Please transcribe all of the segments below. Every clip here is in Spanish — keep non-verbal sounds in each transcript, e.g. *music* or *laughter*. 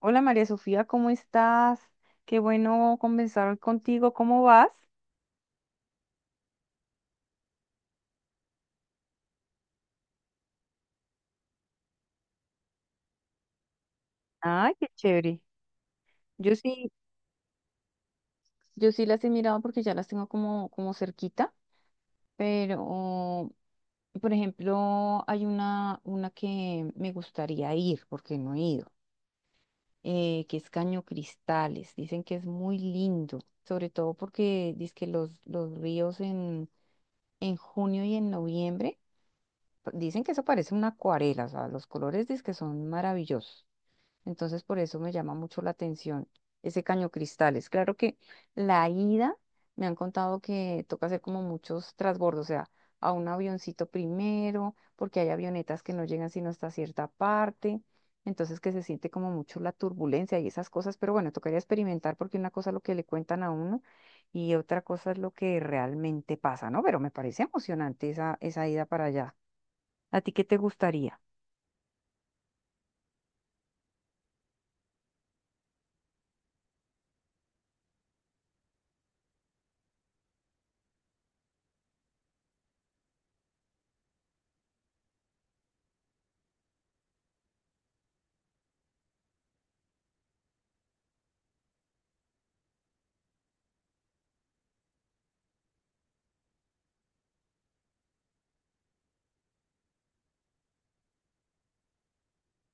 Hola María Sofía, ¿cómo estás? Qué bueno conversar contigo, ¿cómo vas? Ay, qué chévere. Yo sí, yo sí las he mirado porque ya las tengo como, como cerquita, pero por ejemplo, hay una que me gustaría ir porque no he ido, que es Caño Cristales. Dicen que es muy lindo, sobre todo porque dicen que los ríos en junio y en noviembre, dicen que eso parece una acuarela, o sea, los colores dicen que son maravillosos. Entonces, por eso me llama mucho la atención ese Caño Cristales. Claro que la ida me han contado que toca hacer como muchos transbordos, o sea, a un avioncito primero, porque hay avionetas que no llegan sino hasta cierta parte. Entonces, que se siente como mucho la turbulencia y esas cosas, pero bueno, tocaría experimentar porque una cosa es lo que le cuentan a uno y otra cosa es lo que realmente pasa, ¿no? Pero me parece emocionante esa ida para allá. ¿A ti qué te gustaría?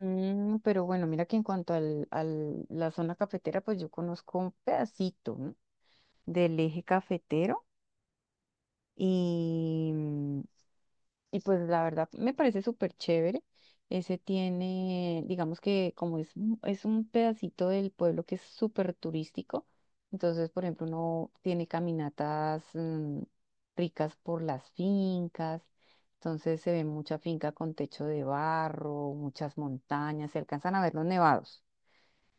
Mm, pero bueno, mira que en cuanto al, al- la zona cafetera, pues yo conozco un pedacito, ¿no? Del eje cafetero y, y pues la verdad me parece súper chévere. Ese tiene, digamos que como es, es un pedacito del pueblo que es súper turístico, entonces, por ejemplo, uno tiene caminatas ricas por las fincas. Entonces se ve mucha finca con techo de barro, muchas montañas, se alcanzan a ver los nevados.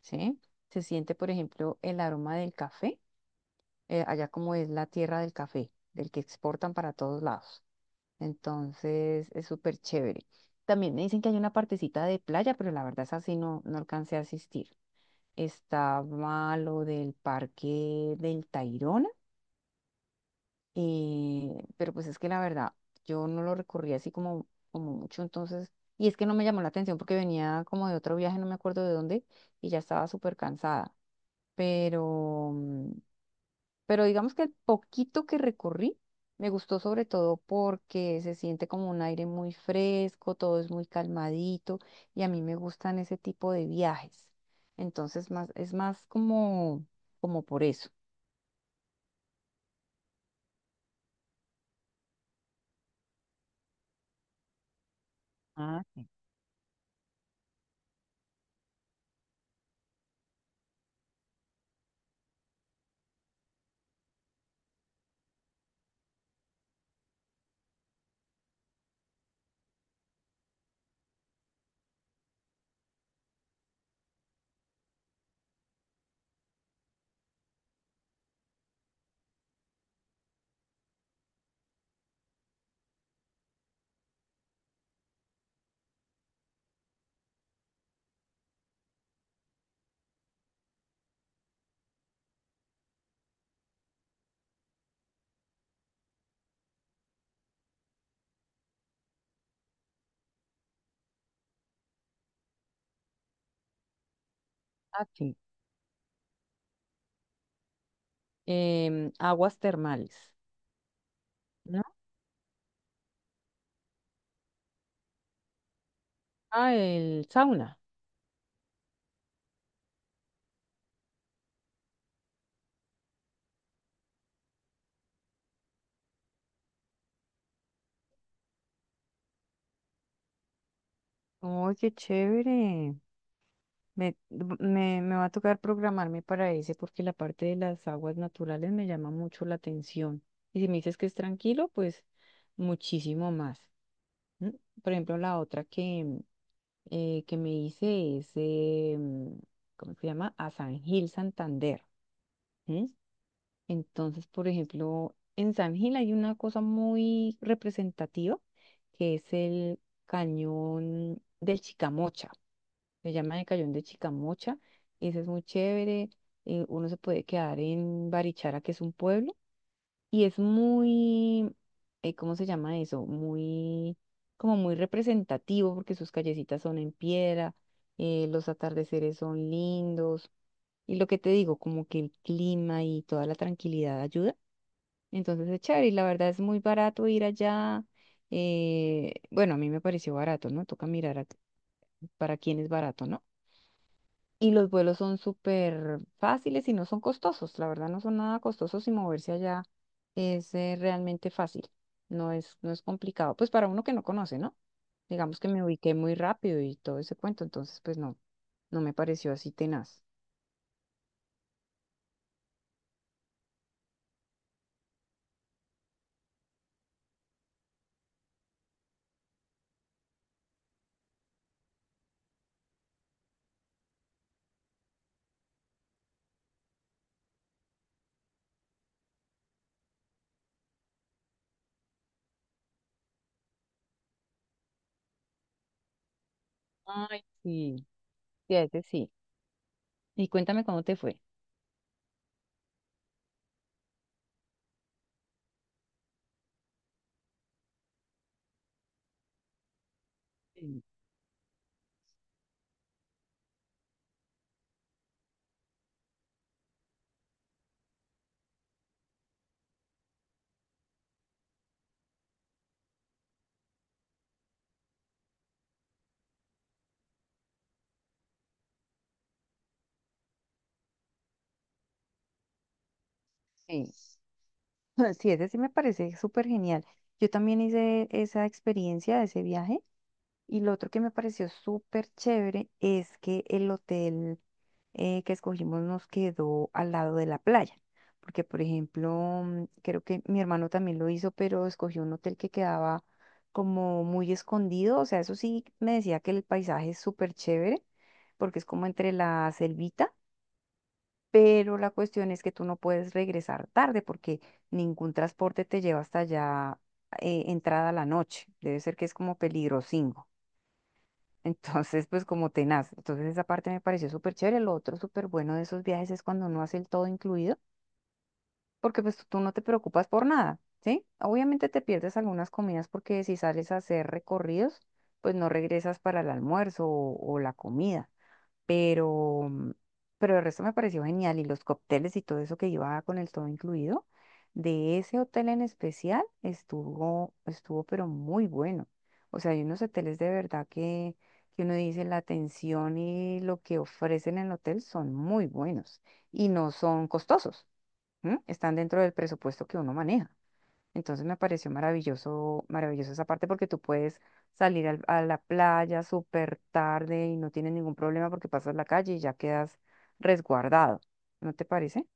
¿Sí? Se siente, por ejemplo, el aroma del café, allá como es la tierra del café, del que exportan para todos lados. Entonces, es súper chévere. También me dicen que hay una partecita de playa, pero la verdad es así, no, no alcancé a asistir. Estaba lo del parque del Tayrona, pero pues es que la verdad, yo no lo recorrí así como, como mucho, entonces, y es que no me llamó la atención porque venía como de otro viaje, no me acuerdo de dónde, y ya estaba súper cansada. Pero pero digamos que el poquito que recorrí me gustó sobre todo porque se siente como un aire muy fresco, todo es muy calmadito y a mí me gustan ese tipo de viajes. Entonces más, es más como, como por eso. Ah, ah, sí. Aguas termales. ¿No? Ah, el sauna. ¡Oye, qué chévere! Me, Me va a tocar programarme para ese porque la parte de las aguas naturales me llama mucho la atención. Y si me dices que es tranquilo, pues muchísimo más. ¿M? Por ejemplo, la otra que que me hice es, ¿cómo se llama? A San Gil, Santander. ¿M? Entonces, por ejemplo, en San Gil hay una cosa muy representativa que es el cañón de Chicamocha. Se llama el Cayón de Chicamocha. Ese es muy chévere. Uno se puede quedar en Barichara, que es un pueblo. Y es muy, ¿cómo se llama eso? Muy, como muy representativo porque sus callecitas son en piedra, los atardeceres son lindos. Y lo que te digo, como que el clima y toda la tranquilidad ayuda. Entonces es chévere y la verdad es muy barato ir allá. Bueno, a mí me pareció barato, ¿no? Toca mirar para quién es barato, ¿no? Y los vuelos son súper fáciles y no son costosos. La verdad no son nada costosos y moverse allá es realmente fácil. No es complicado. Pues para uno que no conoce, ¿no? Digamos que me ubiqué muy rápido y todo ese cuento. Entonces, pues no, no me pareció así tenaz. Ay, sí, sí, a ese sí. Y cuéntame cómo te fue. Sí. Sí. *laughs* Sí, ese sí me parece súper genial. Yo también hice esa experiencia, ese viaje. Y lo otro que me pareció súper chévere es que el hotel que escogimos nos quedó al lado de la playa. Porque, por ejemplo, mm, creo que mi hermano también lo hizo, pero escogió un hotel que quedaba como muy escondido. O sea, eso sí me decía que el paisaje es súper chévere, porque es como entre la selvita. Pero la cuestión es que tú no puedes regresar tarde porque ningún transporte te lleva hasta allá entrada la noche. Debe ser que es como peligrosingo. Entonces, pues como tenaz. Entonces esa parte me pareció súper chévere. Lo otro súper bueno de esos viajes es cuando no hace el todo incluido, porque pues tú no te preocupas por nada, ¿sí? Obviamente te pierdes algunas comidas porque si sales a hacer recorridos, pues no regresas para el almuerzo o la comida pero pero el resto me pareció genial y los cócteles y todo eso que iba con el todo incluido de ese hotel en especial estuvo pero muy bueno. O sea, hay unos hoteles de verdad que uno dice la atención y lo que ofrecen en el hotel son muy buenos y no son costosos, ¿m? Están dentro del presupuesto que uno maneja. Entonces me pareció maravilloso, maravilloso esa parte porque tú puedes salir a la playa súper tarde y no tienes ningún problema porque pasas la calle y ya quedas resguardado. ¿No te parece?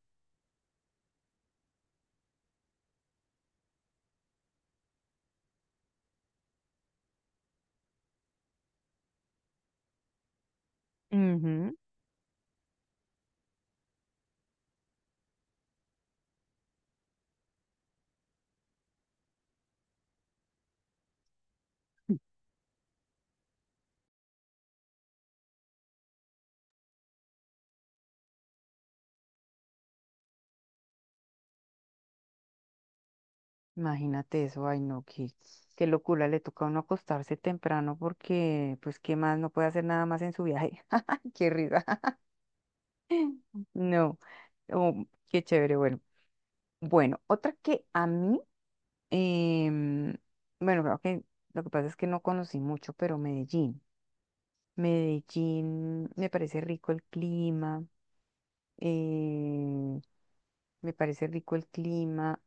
Ujú. Imagínate eso, ay no, qué, qué locura, le toca a uno acostarse temprano porque, pues, ¿qué más? No puede hacer nada más en su viaje. *laughs* Qué risa. *laughs* No, oh, qué chévere, bueno. Bueno, otra que a mí em, bueno, creo que lo que pasa es que no conocí mucho, pero Medellín. Medellín me parece rico el clima, eh, me parece rico el clima,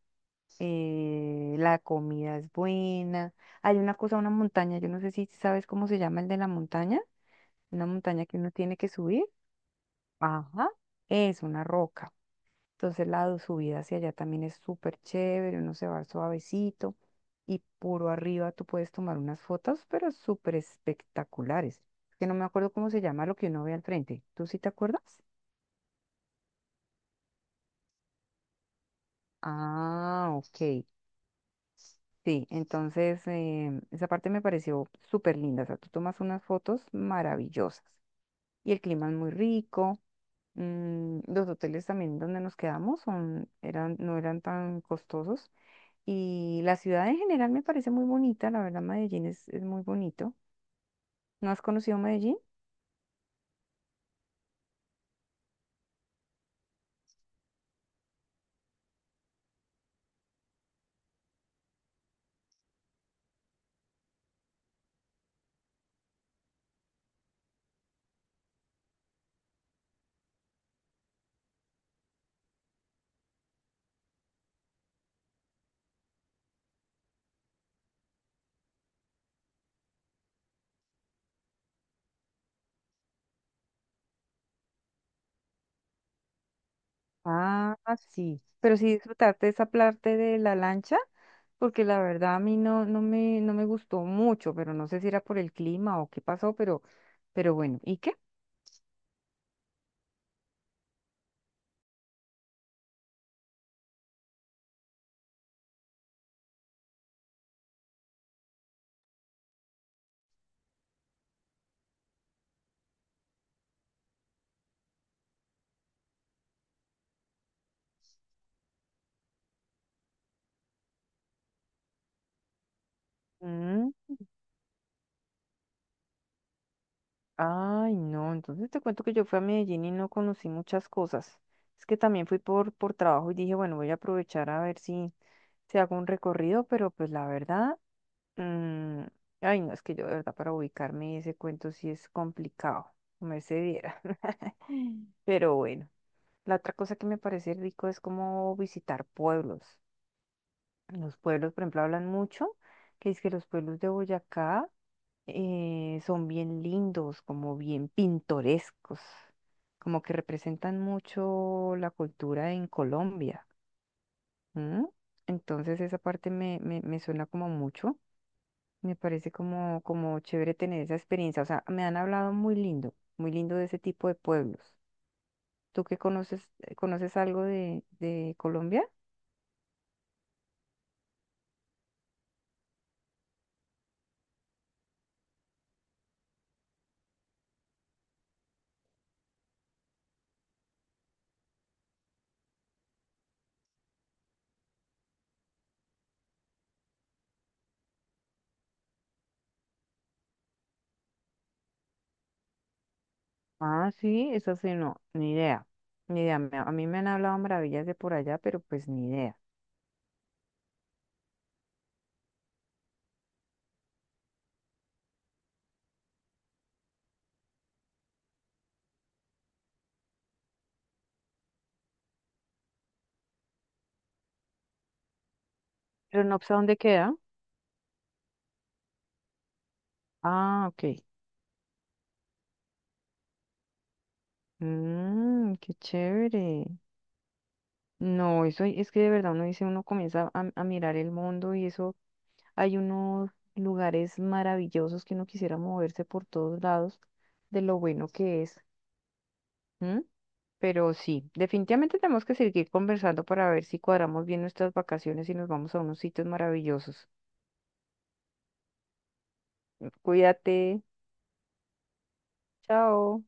la comida es buena. Hay una cosa, una montaña, yo no sé si sabes cómo se llama el de la montaña, una montaña que uno tiene que subir. Ajá, es una roca. Entonces la subida hacia allá también es súper chévere, uno se va suavecito y puro arriba tú puedes tomar unas fotos, pero súper espectaculares. Es que no me acuerdo cómo se llama lo que uno ve al frente. ¿Tú sí te acuerdas? Ah, ok. Sí, entonces esa parte me pareció súper linda. O sea, tú tomas unas fotos maravillosas y el clima es muy rico. Los hoteles también donde nos quedamos eran, no eran tan costosos. Y la ciudad en general me parece muy bonita, la verdad Medellín es muy bonito. ¿No has conocido Medellín? Ah, sí. Pero sí disfrutarte esa parte de la lancha, porque la verdad a mí no, no me gustó mucho, pero no sé si era por el clima o qué pasó, pero bueno, ¿y qué? Ay, no, entonces te cuento que yo fui a Medellín y no conocí muchas cosas. Es que también fui por trabajo y dije, bueno, voy a aprovechar a ver si, si hago un recorrido, pero pues la verdad, mm, ay, no, es que yo de verdad para ubicarme ese cuento sí es complicado, me se diera. *laughs* Pero bueno, la otra cosa que me parece rico es como visitar pueblos. Los pueblos, por ejemplo, hablan mucho, que es que los pueblos de Boyacá son bien lindos, como bien pintorescos, como que representan mucho la cultura en Colombia. ¿M? Entonces esa parte me suena como mucho, me parece como, como chévere tener esa experiencia. O sea, me han hablado muy lindo de ese tipo de pueblos. ¿Tú qué conoces, ¿Conoces algo de Colombia? Ah, sí, eso sí, no, ni idea. Ni idea, a mí me han hablado maravillas de por allá, pero pues ni idea. Pero no sé dónde queda. Ah, ok. Mm, qué chévere. No, eso es que de verdad uno dice, uno comienza a mirar el mundo y eso, hay unos lugares maravillosos que uno quisiera moverse por todos lados de lo bueno que es. ¿M? Pero sí, definitivamente tenemos que seguir conversando para ver si cuadramos bien nuestras vacaciones y nos vamos a unos sitios maravillosos. Cuídate. Chao.